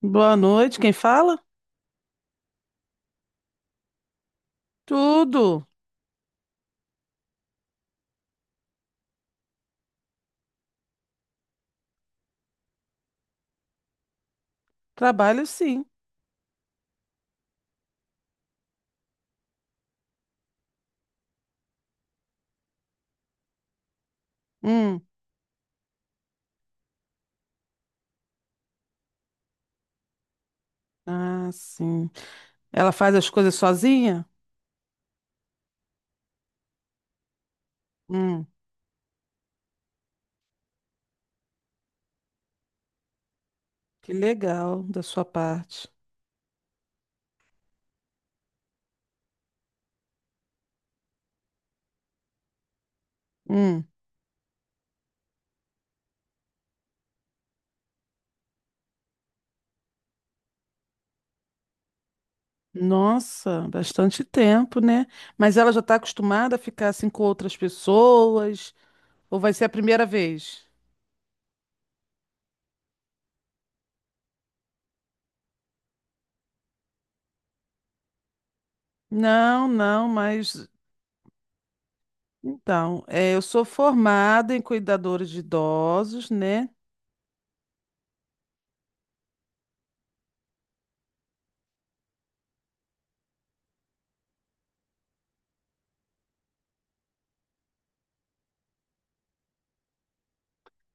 Boa noite, quem fala? Tudo. Trabalho sim. Hum. Ah, sim. Ela faz as coisas sozinha? Hum. Que legal da sua parte. Hum. Nossa, bastante tempo, né? Mas ela já está acostumada a ficar assim com outras pessoas? Ou vai ser a primeira vez? Não, não, mas então, é, eu sou formada em cuidadores de idosos, né?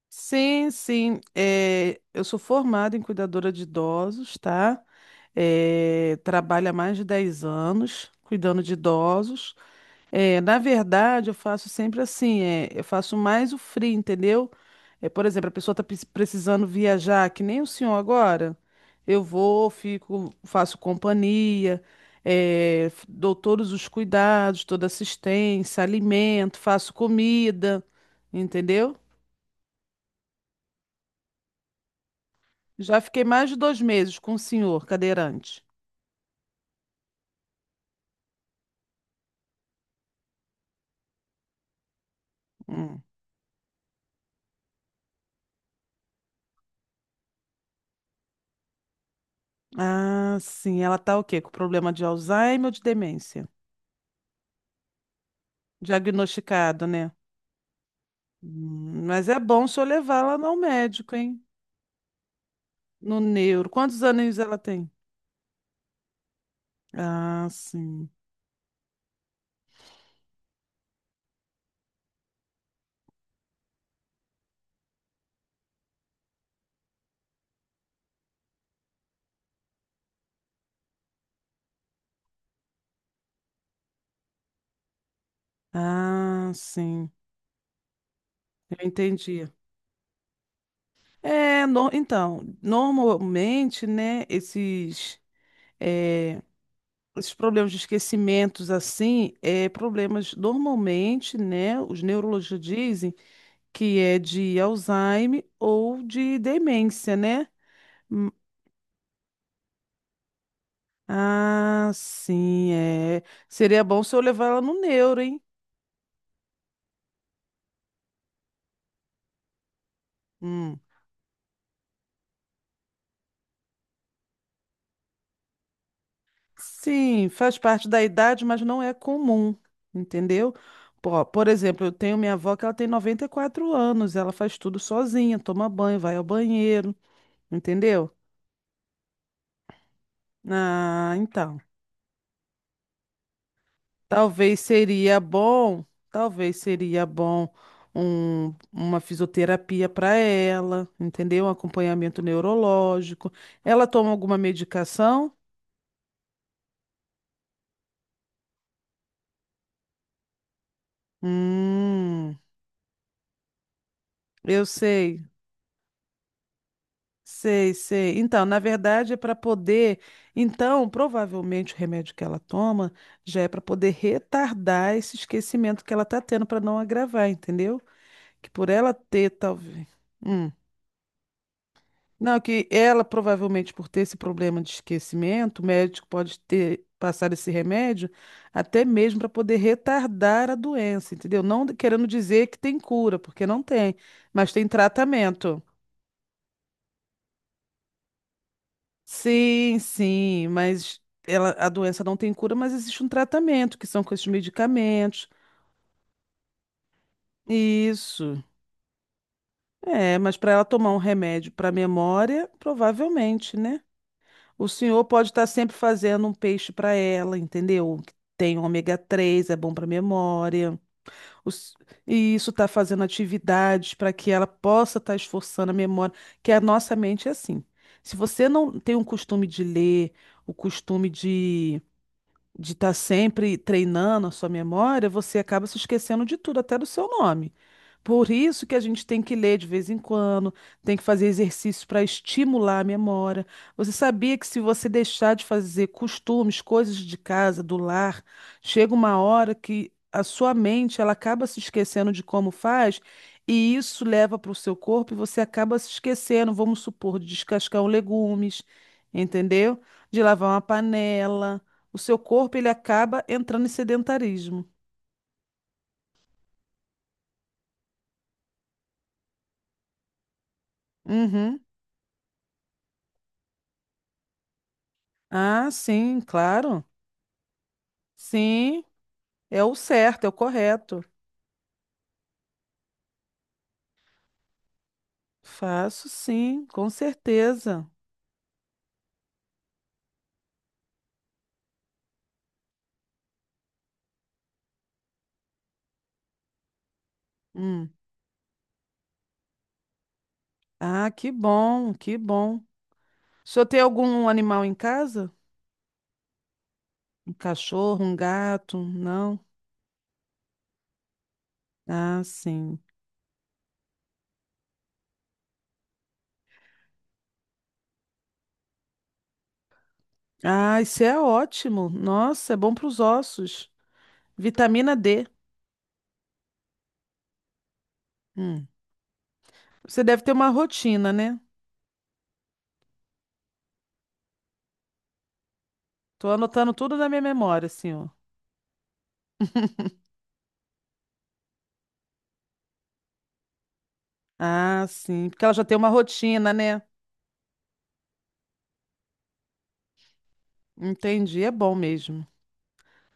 Sim, sim. É, eu sou formada em cuidadora de idosos, tá? É, trabalho há mais de 10 anos cuidando de idosos. É, na verdade, eu faço sempre assim, é, eu faço mais o free, entendeu? É, por exemplo, a pessoa está precisando viajar, que nem o senhor agora. Eu vou, fico, faço companhia, é, dou todos os cuidados, toda assistência, alimento, faço comida, entendeu? Já fiquei mais de 2 meses com o senhor cadeirante. Hum. Ah, sim. Ela tá o quê? Com problema de Alzheimer ou de demência? Diagnosticado, né? Mas é bom o senhor levar ela ao médico, hein? No neuro. Quantos anos ela tem? Ah, sim. Ah, sim. Eu entendi. É, então, normalmente, né, é, esses problemas de esquecimentos, assim, é problemas, normalmente, né, os neurologistas dizem que é de Alzheimer ou de demência, né? Hum. Ah, sim, é. Seria bom se eu levar ela no neuro, hein? Hum. Sim, faz parte da idade, mas não é comum, entendeu? Pô, por exemplo, eu tenho minha avó que ela tem 94 anos, ela faz tudo sozinha, toma banho, vai ao banheiro, entendeu? Ah, então. Talvez seria bom, talvez seria bom uma fisioterapia para ela, entendeu? Um acompanhamento neurológico. Ela toma alguma medicação? Hum, eu sei, sei, sei. Então, na verdade, é para poder. Então, provavelmente o remédio que ela toma já é para poder retardar esse esquecimento que ela está tendo para não agravar, entendeu? Que por ela ter, talvez. Não, que ela provavelmente por ter esse problema de esquecimento, o médico pode ter passado esse remédio até mesmo para poder retardar a doença, entendeu? Não querendo dizer que tem cura, porque não tem, mas tem tratamento. Sim, sim, mas ela, a doença não tem cura, mas existe um tratamento, que são com esses medicamentos. Isso. É, mas para ela tomar um remédio para memória, provavelmente, né? O senhor pode estar sempre fazendo um peixe para ela, entendeu? Que tem ômega 3, é bom para memória. O s- E isso está fazendo atividades para que ela possa estar esforçando a memória, que a nossa mente é assim. Se você não tem o costume de ler, o costume de estar sempre treinando a sua memória, você acaba se esquecendo de tudo, até do seu nome. Por isso que a gente tem que ler de vez em quando, tem que fazer exercício para estimular a memória. Você sabia que se você deixar de fazer costumes, coisas de casa, do lar, chega uma hora que a sua mente ela acaba se esquecendo de como faz, e isso leva para o seu corpo e você acaba se esquecendo, vamos supor, de descascar um legumes, entendeu? De lavar uma panela. O seu corpo ele acaba entrando em sedentarismo. Uhum. Ah, sim, claro. Sim, é o certo, é o correto. Faço sim, com certeza. Hum. Ah, que bom, que bom. O senhor tem algum animal em casa? Um cachorro, um gato? Não? Ah, sim. Ah, isso é ótimo. Nossa, é bom para os ossos. Vitamina D. Hum. Você deve ter uma rotina, né? Tô anotando tudo na minha memória, senhor. Ah, sim, porque ela já tem uma rotina, né? Entendi, é bom mesmo.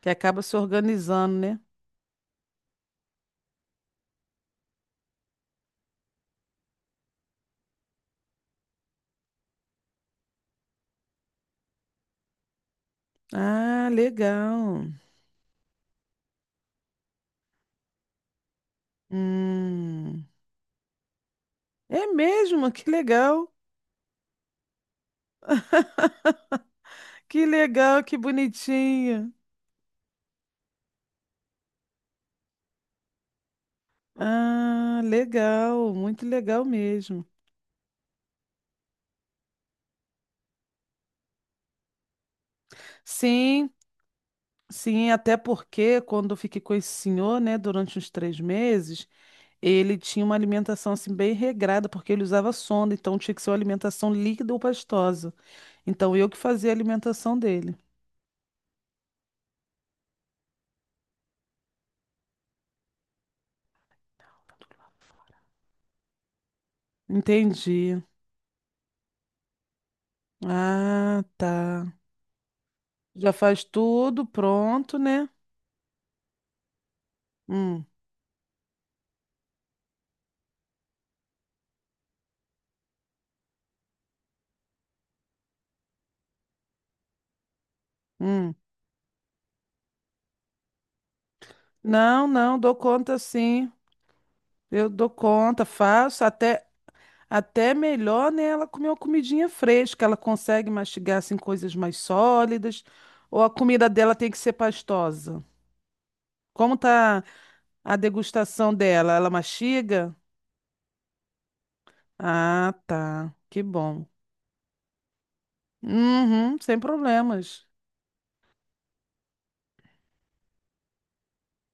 Que acaba se organizando, né? Ah, legal. Hum. É mesmo? Que legal. Que legal, que bonitinho. Ah, legal, muito legal mesmo. Sim, sim, até porque quando eu fiquei com esse senhor, né, durante uns 3 meses, ele tinha uma alimentação assim bem regrada, porque ele usava sonda, então tinha que ser uma alimentação líquida ou pastosa. Então eu que fazia a alimentação dele. Entendi. Ah, tá. Já faz tudo pronto, né? Hum. Hum. Não, não, dou conta sim. Eu dou conta, faço até até melhor, né? Ela comer uma comidinha fresca, ela consegue mastigar assim coisas mais sólidas, ou a comida dela tem que ser pastosa. Como tá a degustação dela? Ela mastiga? Ah, tá. Que bom. Uhum, sem problemas.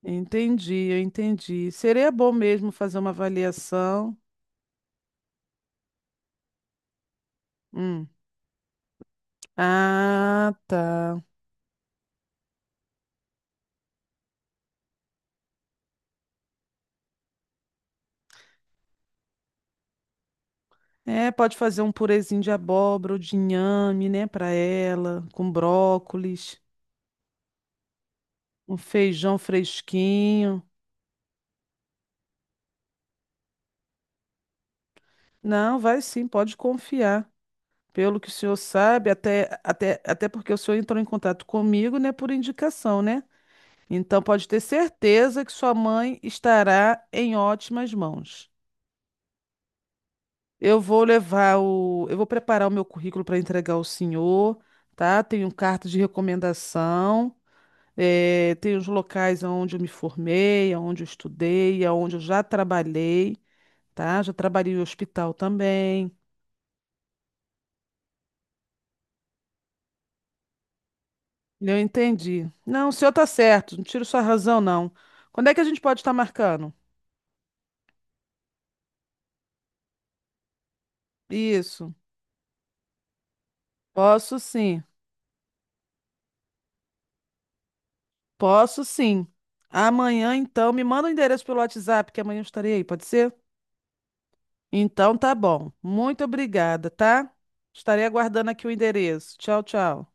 Entendi, eu entendi. Seria bom mesmo fazer uma avaliação. Hum. Ah, tá. É, pode fazer um purezinho de abóbora ou de inhame, né, para ela, com brócolis, um feijão fresquinho. Não, vai sim, pode confiar. Pelo que o senhor sabe, até porque o senhor entrou em contato comigo, né, por indicação, né? Então pode ter certeza que sua mãe estará em ótimas mãos. Eu vou levar o, eu vou preparar o meu currículo para entregar ao senhor, tá? Tenho carta de recomendação. Eh, tem os locais onde eu me formei, onde eu estudei, onde eu já trabalhei, tá? Já trabalhei em hospital também. Eu entendi. Não, o senhor tá certo, não tiro sua razão, não. Quando é que a gente pode estar marcando? Isso. Posso sim, posso sim. Amanhã, então, me manda o endereço pelo WhatsApp, que amanhã eu estarei aí, pode ser? Então tá bom. Muito obrigada, tá? Estarei aguardando aqui o endereço. Tchau, tchau.